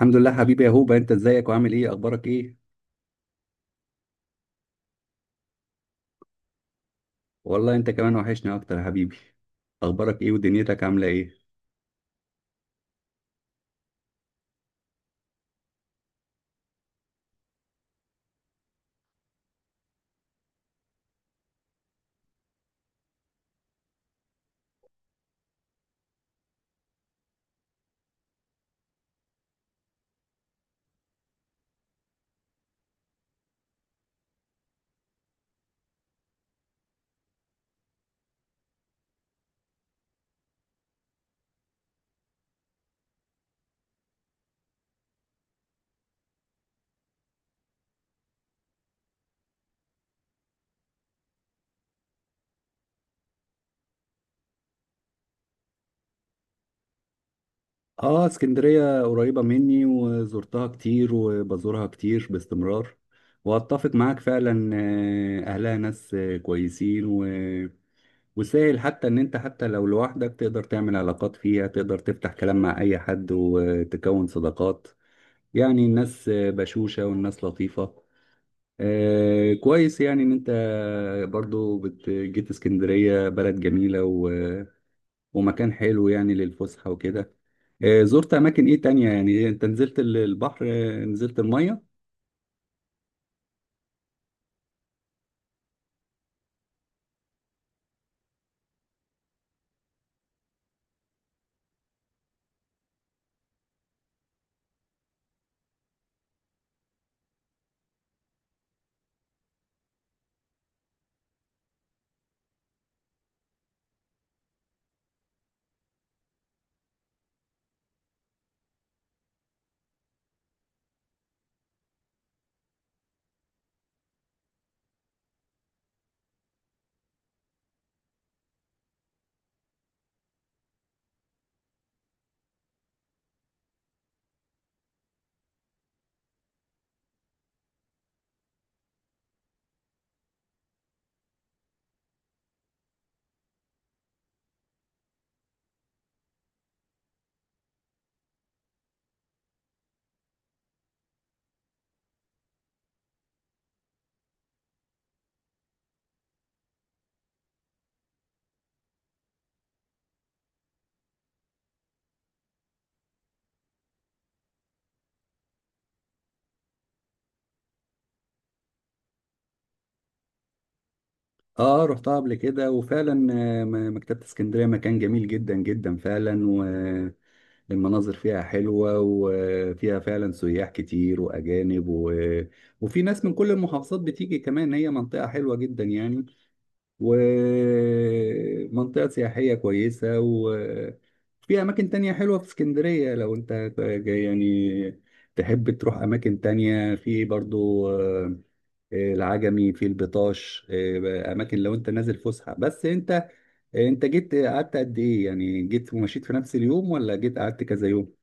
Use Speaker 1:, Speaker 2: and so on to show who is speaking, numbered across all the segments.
Speaker 1: الحمد لله حبيبي يا هوبا، انت ازيك وعامل ايه؟ اخبارك ايه؟ والله انت كمان وحشني اكتر يا حبيبي. اخبارك ايه ودنيتك عامله ايه؟ اه، اسكندريه قريبه مني وزرتها كتير وبزورها كتير باستمرار. واتفق معاك فعلا، اهلها ناس، كويسين، وسهل حتى ان انت حتى لو لوحدك تقدر تعمل علاقات فيها، تقدر تفتح كلام مع اي حد وتكون صداقات. يعني الناس بشوشة، والناس لطيفة. آه، كويس يعني ان انت برضو جيت اسكندرية بلد جميلة، ومكان حلو يعني للفسحة وكده. آه، زرت اماكن ايه تانية يعني؟ انت نزلت البحر؟ نزلت المية؟ اه، رحتها قبل كده وفعلا. مكتبة اسكندرية مكان جميل جدا جدا فعلا. والمناظر فيها حلوة، وفيها فعلا سياح كتير واجانب، وفي ناس من كل المحافظات بتيجي كمان. هي منطقة حلوة جدا يعني، ومنطقة سياحية كويسة. وفي أماكن تانية حلوة في اسكندرية لو أنت جاي يعني، تحب تروح أماكن تانية. في برضو، العجمي، في البطاش، أماكن لو أنت نازل فسحة. بس أنت جيت قعدت قد إيه يعني؟ جيت ومشيت في نفس اليوم، ولا جيت قعدت كذا يوم؟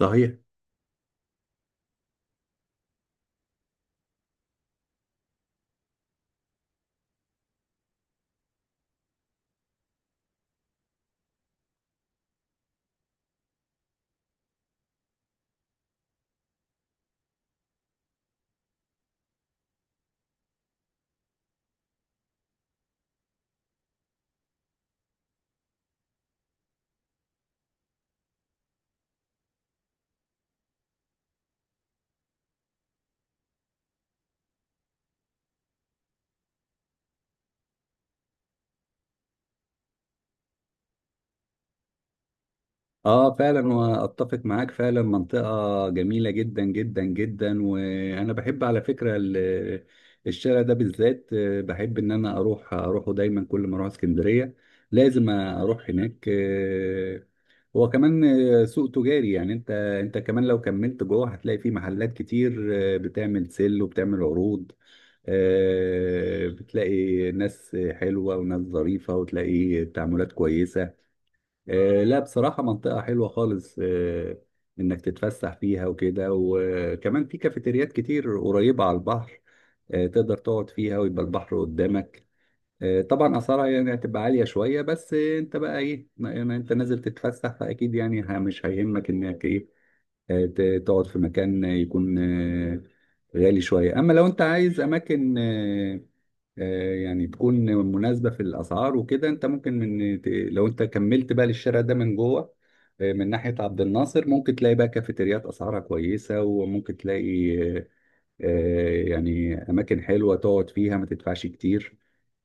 Speaker 1: صحيح. اه، فعلا واتفق معاك فعلا، منطقة جميلة جدا جدا جدا. وانا بحب على فكرة الشارع ده بالذات، بحب ان انا اروح اروحه دايما. كل ما اروح اسكندرية لازم اروح هناك. آه، هو كمان سوق تجاري يعني. انت كمان لو كملت جوه هتلاقي فيه محلات كتير، بتعمل سيل وبتعمل عروض. بتلاقي ناس حلوة وناس ظريفة، وتلاقي تعاملات كويسة. آه، لا بصراحة منطقة حلوة خالص، إنك تتفسح فيها وكده. وكمان في كافيتريات كتير قريبة على البحر، تقدر تقعد فيها ويبقى البحر قدامك. آه، طبعا أسعارها يعني هتبقى عالية شوية، بس أنت بقى إيه، ما أنت نازل تتفسح فأكيد يعني مش هيهمك إنك إيه، تقعد في مكان يكون غالي شوية. أما لو أنت عايز أماكن، يعني تكون مناسبة في الأسعار وكده، أنت ممكن من لو أنت كملت بقى للشارع ده من جوه، من ناحية عبد الناصر، ممكن تلاقي بقى كافيتريات أسعارها كويسة، وممكن تلاقي يعني أماكن حلوة تقعد فيها ما تدفعش كتير.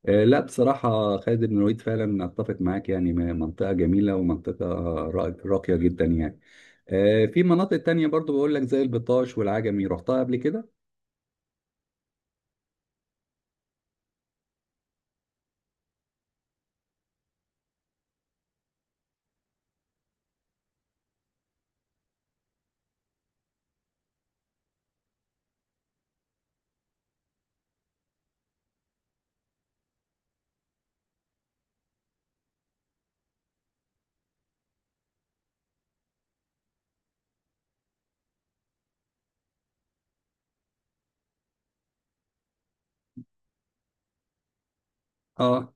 Speaker 1: آه، لا بصراحة خالد بن الوليد فعلا أتفق معاك، يعني منطقة جميلة، ومنطقة راقية جدا يعني. في مناطق تانية برضو بقول لك زي البطاش والعجمي. رحتها قبل كده؟ اه،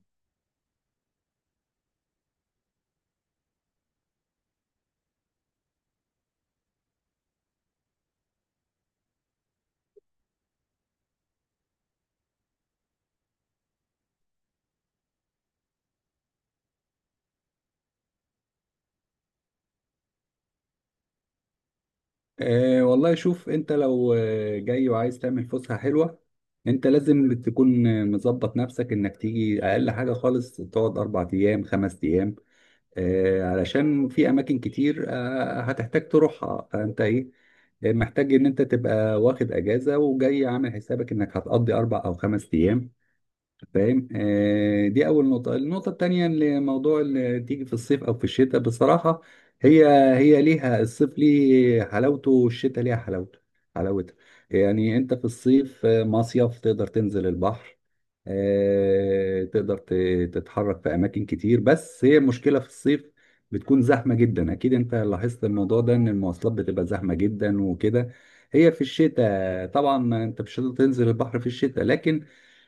Speaker 1: والله شوف، انت لو جاي وعايز تعمل فسحة حلوة، انت لازم تكون مظبط نفسك انك تيجي اقل حاجة خالص تقعد اربع ايام خمس ايام. علشان في اماكن كتير هتحتاج تروحها، فانت ايه، محتاج ان انت تبقى واخد اجازة وجاي عامل حسابك انك هتقضي اربع او خمس ايام، فاهم؟ آه، دي اول نقطه. النقطه التانية اللي موضوع اللي تيجي في الصيف او في الشتاء، بصراحه هي هي ليها، الصيف ليه حلاوته، والشتاء ليها حلاوتها. يعني انت في الصيف مصيف، تقدر تنزل البحر، تقدر تتحرك في اماكن كتير. بس هي المشكله في الصيف بتكون زحمه جدا، اكيد انت لاحظت الموضوع ده، ان المواصلات بتبقى زحمه جدا وكده. هي في الشتاء طبعا ما انت مش هتقدر تنزل البحر في الشتاء، لكن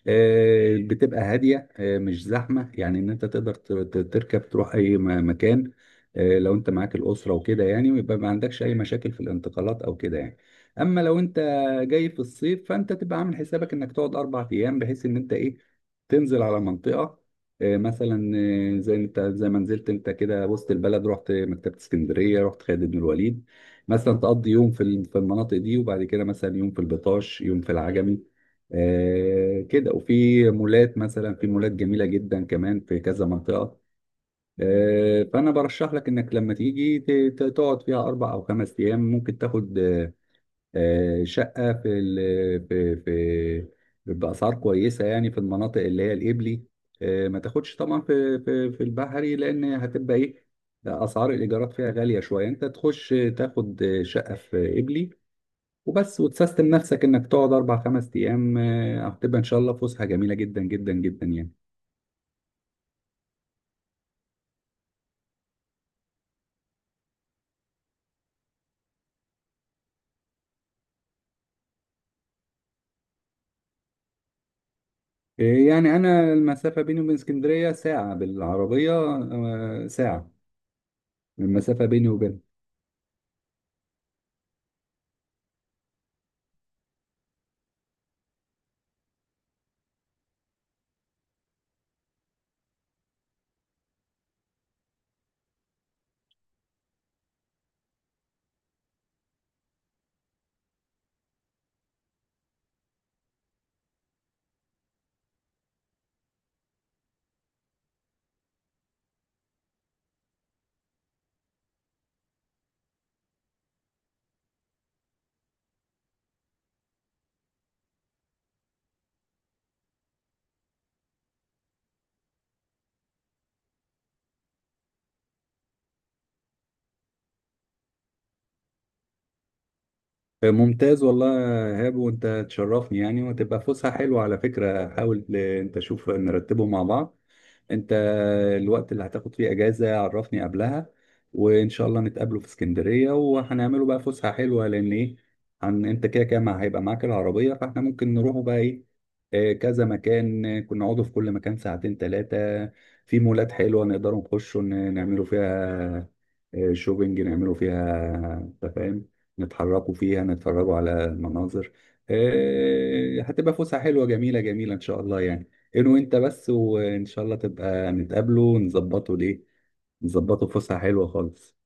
Speaker 1: بتبقى هادية، مش زحمة. يعني إن أنت تقدر تركب تروح أي مكان، لو أنت معاك الأسرة وكده يعني، ويبقى ما عندكش أي مشاكل في الانتقالات أو كده يعني. أما لو أنت جاي في الصيف فأنت تبقى عامل حسابك إنك تقعد أربع أيام، بحيث إن أنت إيه، تنزل على منطقة، مثلا، زي ما نزلت انت كده وسط البلد، رحت مكتبة اسكندرية، رحت خالد بن الوليد. مثلا تقضي يوم في المناطق دي، وبعد كده مثلا يوم في البطاش، يوم في العجمي، كده. وفي مولات مثلا، في مولات جميلة جدا كمان في كذا منطقة. فأنا برشح لك إنك لما تيجي تقعد فيها أربع أو خمس أيام. ممكن تاخد شقة في بأسعار كويسة، يعني في المناطق اللي هي الإبلي. ما تاخدش طبعا في في البحري، لأن هتبقى إيه، أسعار الإيجارات فيها غالية شوية. أنت تخش تاخد شقة في إبلي وبس، وتسيستم نفسك انك تقعد اربع خمس ايام. هتبقى ان شاء الله فسحه جميله جدا جدا جدا يعني. آه، يعني انا المسافه بيني وبين اسكندريه ساعه بالعربيه، ساعه المسافه بيني وبينها. آه، ممتاز والله يا ايهاب، وانت تشرفني يعني، وتبقى فسحه حلوه على فكره. حاول انت شوف نرتبه مع بعض. انت الوقت اللي هتاخد فيه اجازة عرفني قبلها، وان شاء الله نتقابله في اسكندرية، وهنعمله بقى فسحة حلوة. لان ايه، انت كده كده هيبقى معاك العربية، فاحنا ممكن نروحوا بقى ايه، كذا مكان. كنا نقعدوا في كل مكان ساعتين ثلاثة. في مولات حلوة نقدروا نخشوا نعملوا فيها شوبينج، نعملوا فيها، انت فاهم، نتحركوا فيها، نتفرجوا على المناظر. هتبقى فسحة حلوة جميلة جميلة ان شاء الله يعني. انه انت بس، وان شاء الله تبقى نتقابله ونظبطه ليه، نظبطه فسحة حلوة خالص.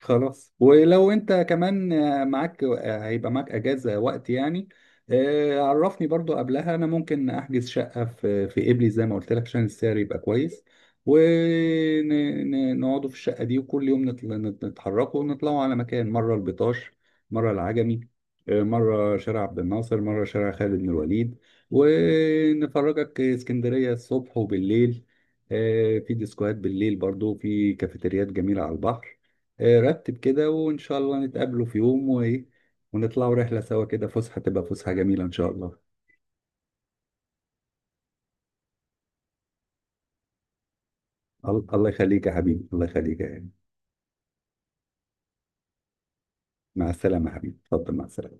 Speaker 1: خلاص، ولو انت كمان معاك هيبقى معاك اجازه وقت يعني، عرفني برضو قبلها. انا ممكن احجز شقه في قبلي زي ما قلت لك عشان السعر يبقى كويس، ونقعدوا في الشقه دي. وكل يوم نتحركوا ونطلعوا على مكان، مره البطاش، مره العجمي، مره شارع عبد الناصر، مره شارع خالد بن الوليد. ونفرجك اسكندريه الصبح وبالليل، في ديسكوهات بالليل، برضو في كافيتريات جميله على البحر. رتب كده، وإن شاء الله نتقابلوا في يوم، وإيه، ونطلعوا رحلة سوا كده. فسحة تبقى فسحة جميلة إن شاء الله. الله يخليك يا حبيبي، الله يخليك يا حبيبي. مع السلامة يا حبيبي، اتفضل، مع السلامة.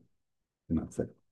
Speaker 1: مع السلامة.